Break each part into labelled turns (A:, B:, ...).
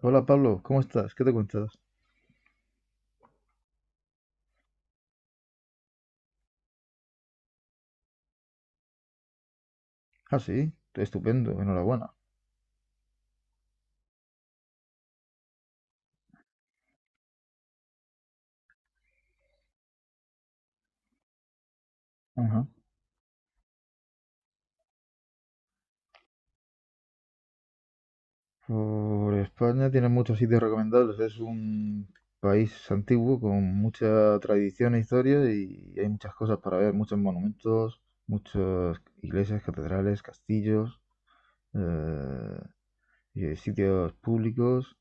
A: Hola Pablo, ¿cómo estás? ¿Qué te cuentas? Ah, sí, estupendo, enhorabuena. Ajá. Por España tiene muchos sitios recomendables. Es un país antiguo con mucha tradición e historia y hay muchas cosas para ver, muchos monumentos, muchas iglesias, catedrales, castillos, eh, y sitios públicos.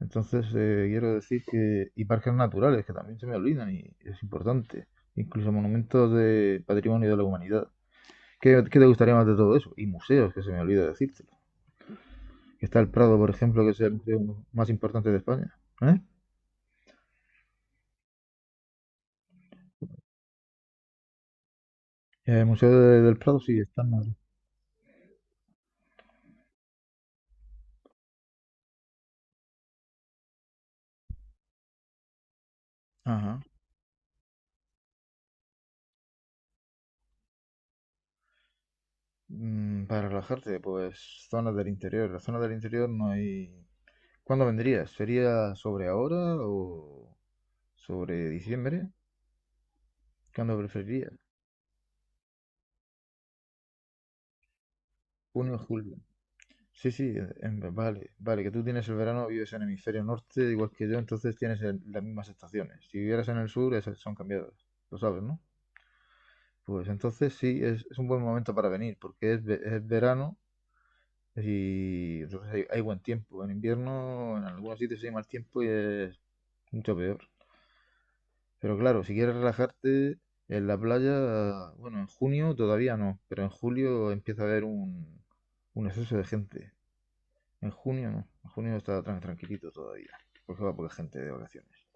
A: Entonces, quiero decir que... Y parques naturales, que también se me olvidan y es importante. Incluso monumentos de patrimonio de la humanidad. ¿Qué te gustaría más de todo eso? Y museos, que se me olvida decírtelo. Está el Prado, por ejemplo, que es el museo más importante de España. ¿Eh? El Museo del Prado sí está en Madrid. Ajá. Mm, para relajarte, pues zonas del interior. La zona del interior no hay... ¿Cuándo vendrías? ¿Sería sobre ahora o sobre diciembre? ¿Cuándo preferirías? Junio o julio. Sí, sí, vale, vale, que tú tienes el verano, vives en el hemisferio norte, igual que yo, entonces tienes las mismas estaciones. Si vivieras en el sur, esas son cambiadas. Lo sabes, ¿no? Pues entonces sí, es un buen momento para venir, porque es, es verano y entonces hay buen tiempo. En invierno, en algunos sitios hay mal tiempo y es mucho peor. Pero claro, si quieres relajarte en la playa, bueno, en junio todavía no, pero en julio empieza a haber un exceso de gente. En junio no, en junio está tranquilito todavía, porque va poca gente de vacaciones.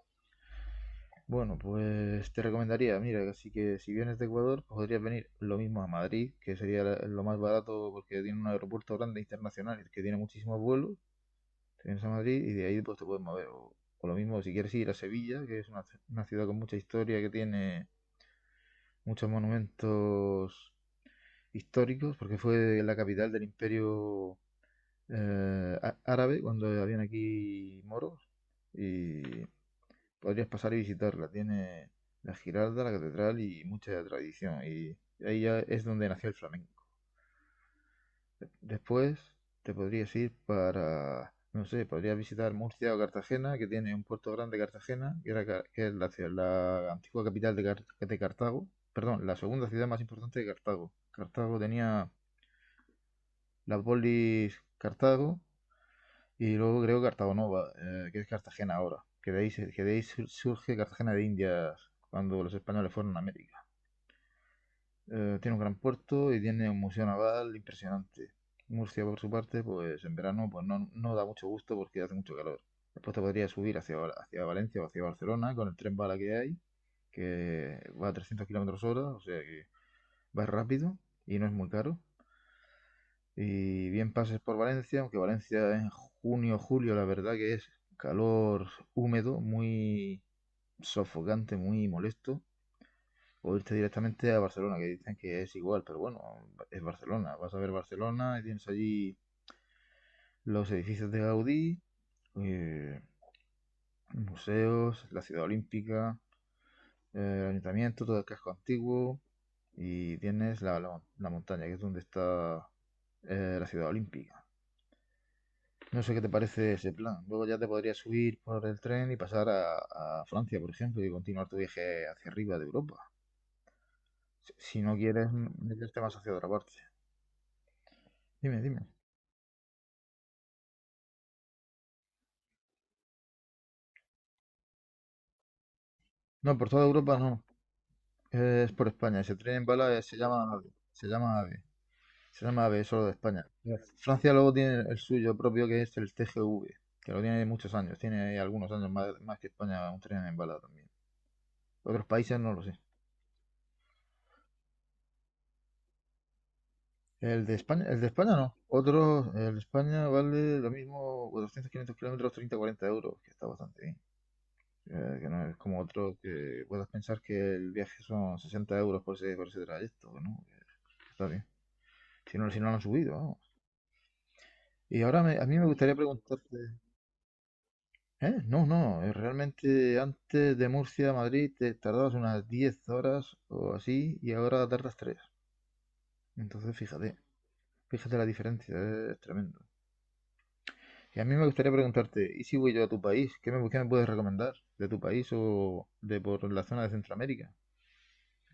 A: Bueno, pues te recomendaría, mira, así que si vienes de Ecuador, pues podrías venir lo mismo a Madrid, que sería lo más barato porque tiene un aeropuerto grande internacional que tiene muchísimos vuelos. Te vienes a Madrid y de ahí pues te puedes mover. O lo mismo, si quieres ir a Sevilla, que es una, una ciudad con mucha historia, que tiene muchos monumentos históricos, porque fue la capital del imperio árabe cuando habían aquí moros. Y podrías pasar y visitarla. Tiene la Giralda, la catedral y mucha tradición. Y ahí ya es donde nació el flamenco. Después te podrías ir para, no sé, podrías visitar Murcia o Cartagena, que tiene un puerto grande Cartagena, que era que es la antigua capital de, de Cartago. Perdón, la segunda ciudad más importante de Cartago. Cartago tenía la polis Cartago y luego creo Cartago Nova, que es Cartagena ahora. Que de ahí surge Cartagena de Indias cuando los españoles fueron a América. Tiene un gran puerto y tiene un museo naval impresionante. Murcia, por su parte, pues en verano pues no, no da mucho gusto porque hace mucho calor. Después te podría subir hacia Valencia o hacia Barcelona con el tren bala que hay, que va a 300 kilómetros hora, o sea que va rápido y no es muy caro. Y bien pases por Valencia, aunque Valencia en junio, julio, la verdad que es calor húmedo, muy sofocante, muy molesto o irte directamente a Barcelona, que dicen que es igual, pero bueno, es Barcelona. Vas a ver Barcelona y tienes allí los edificios de Gaudí, eh, museos, la ciudad olímpica, el ayuntamiento, todo el casco antiguo y tienes la montaña, que es donde está la ciudad olímpica. No sé qué te parece ese plan. Luego ya te podrías subir por el tren y pasar a Francia, por ejemplo, y continuar tu viaje hacia arriba de Europa. Si, si no quieres meterte más hacia otra parte. Dime, dime. No, por toda Europa no. Es por España. Ese tren en bala se llama AVE. Se llama AVE. Se llama AVE solo de España. Francia luego tiene el suyo propio que es el TGV, que lo tiene muchos años. Tiene ahí algunos años más, más que España un tren en bala también. Otros países no lo sé. El de España no. Otros, el de España vale lo mismo 200, 500 kilómetros, 30, 40 euros, que está bastante bien. Que no es como otro que puedas pensar que el viaje son 60 € por ese trayecto, ¿no? Está bien. Si no, si no lo han subido, ¿no? Y ahora a mí me gustaría preguntarte, ¿eh? No, no, realmente antes de Murcia a Madrid te tardabas unas 10 horas o así y ahora tardas 3. Entonces fíjate, fíjate la diferencia, es tremendo. Y a mí me gustaría preguntarte, ¿y si voy yo a tu país? ¿Qué me puedes recomendar de tu país o de por la zona de Centroamérica?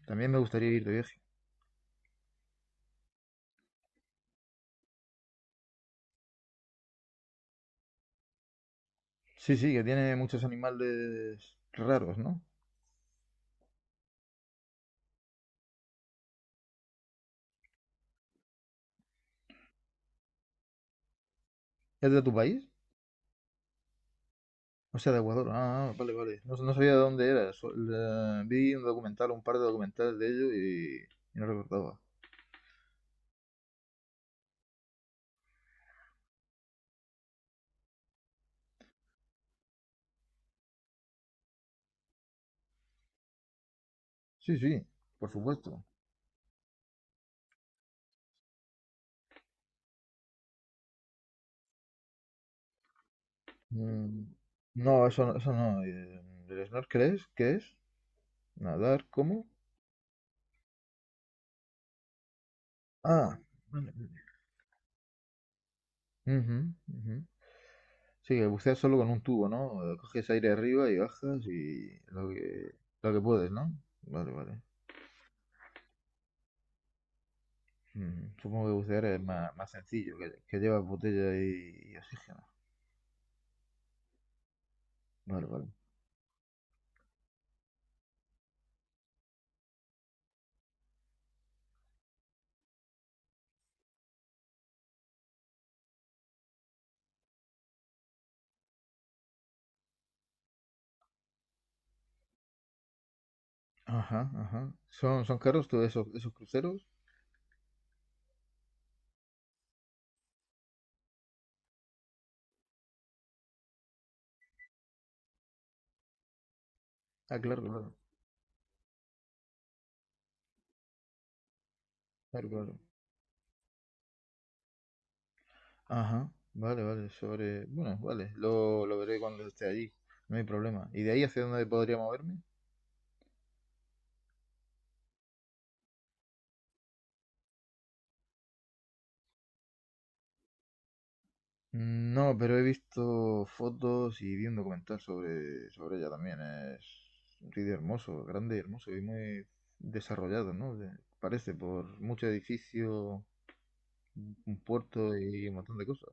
A: También me gustaría ir de viaje. Sí, sí, que tiene muchos animales raros, ¿no? ¿Es de tu país? O sea, de Aguador. Ah, ah, ah, vale, vale. No, no sabía de dónde era. Vi un documental, un par de documentales de ello y no recordaba. Sí, sí, por supuesto. Mm, no, eso, eso no. ¿El snorkel es? ¿Qué es? ¿Nadar? ¿Cómo? Ah, vale. Vale. Ujú, ujú. Sí, el bucear solo con un tubo, ¿no? Coges aire arriba y bajas y lo que puedes, ¿no? Vale, vale. Mm, supongo que bucear es más, más sencillo, que llevas botella y oxígeno. Vale, vale. Ajá, ajá. ¿Son caros todos esos, esos cruceros? Ah, claro, claro, claro, claro. Ajá, vale, vale, sobre... Bueno, vale, lo veré cuando esté allí, no hay problema. ¿Y de ahí hacia dónde podría moverme? No, pero he visto fotos y vi un documental sobre, sobre ella también. Es un sitio hermoso, grande y hermoso y muy desarrollado, ¿no? Parece por mucho edificio, un puerto y un montón de cosas.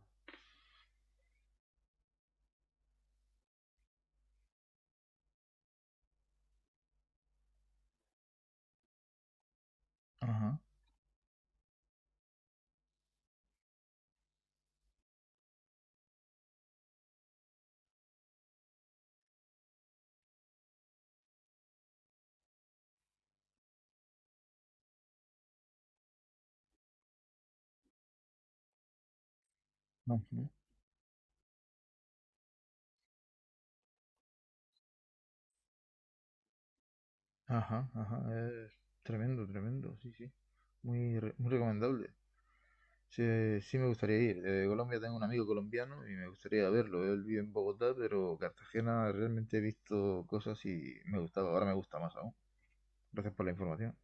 A: Ajá. Ajá, ajá, es tremendo, tremendo, sí, sí. Muy, muy recomendable. Sí, sí me gustaría ir. De Colombia tengo un amigo colombiano y me gustaría verlo. Él vive en Bogotá, pero Cartagena realmente he visto cosas y me gustaba. Ahora me gusta más aún. Gracias por la información.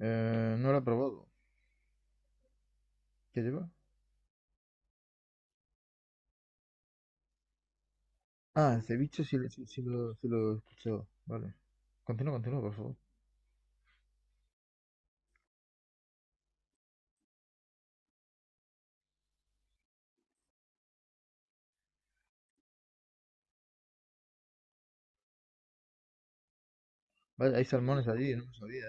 A: No lo he probado. ¿Qué lleva? Ah, el ceviche sí, sí, sí lo he escuchado. Vale. Continúa, continúa, por favor. Vale, hay salmones allí, no lo sabía.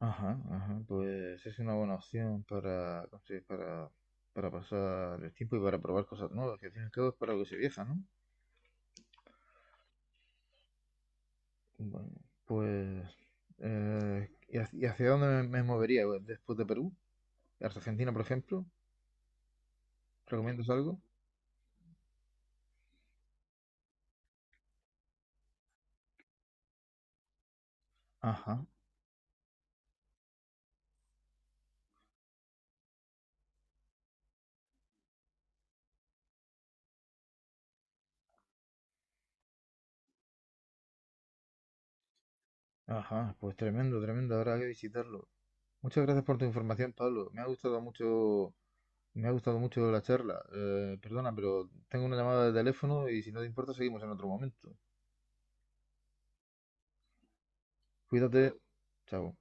A: Ajá, ajá, pues es una buena opción para, para pasar el tiempo y para probar cosas nuevas, que al fin y al cabo es para lo que se viaja, ¿no? Bueno, pues... y hacia dónde me movería pues, después de Perú? ¿Argentina, por ejemplo? ¿Recomiendas algo? Ajá, ajá, pues tremendo, tremendo, habrá que visitarlo. Muchas gracias por tu información, Pablo. Me ha gustado mucho, me ha gustado mucho la charla. Perdona, pero tengo una llamada de teléfono y si no te importa seguimos en otro momento. Cuídate. Chao.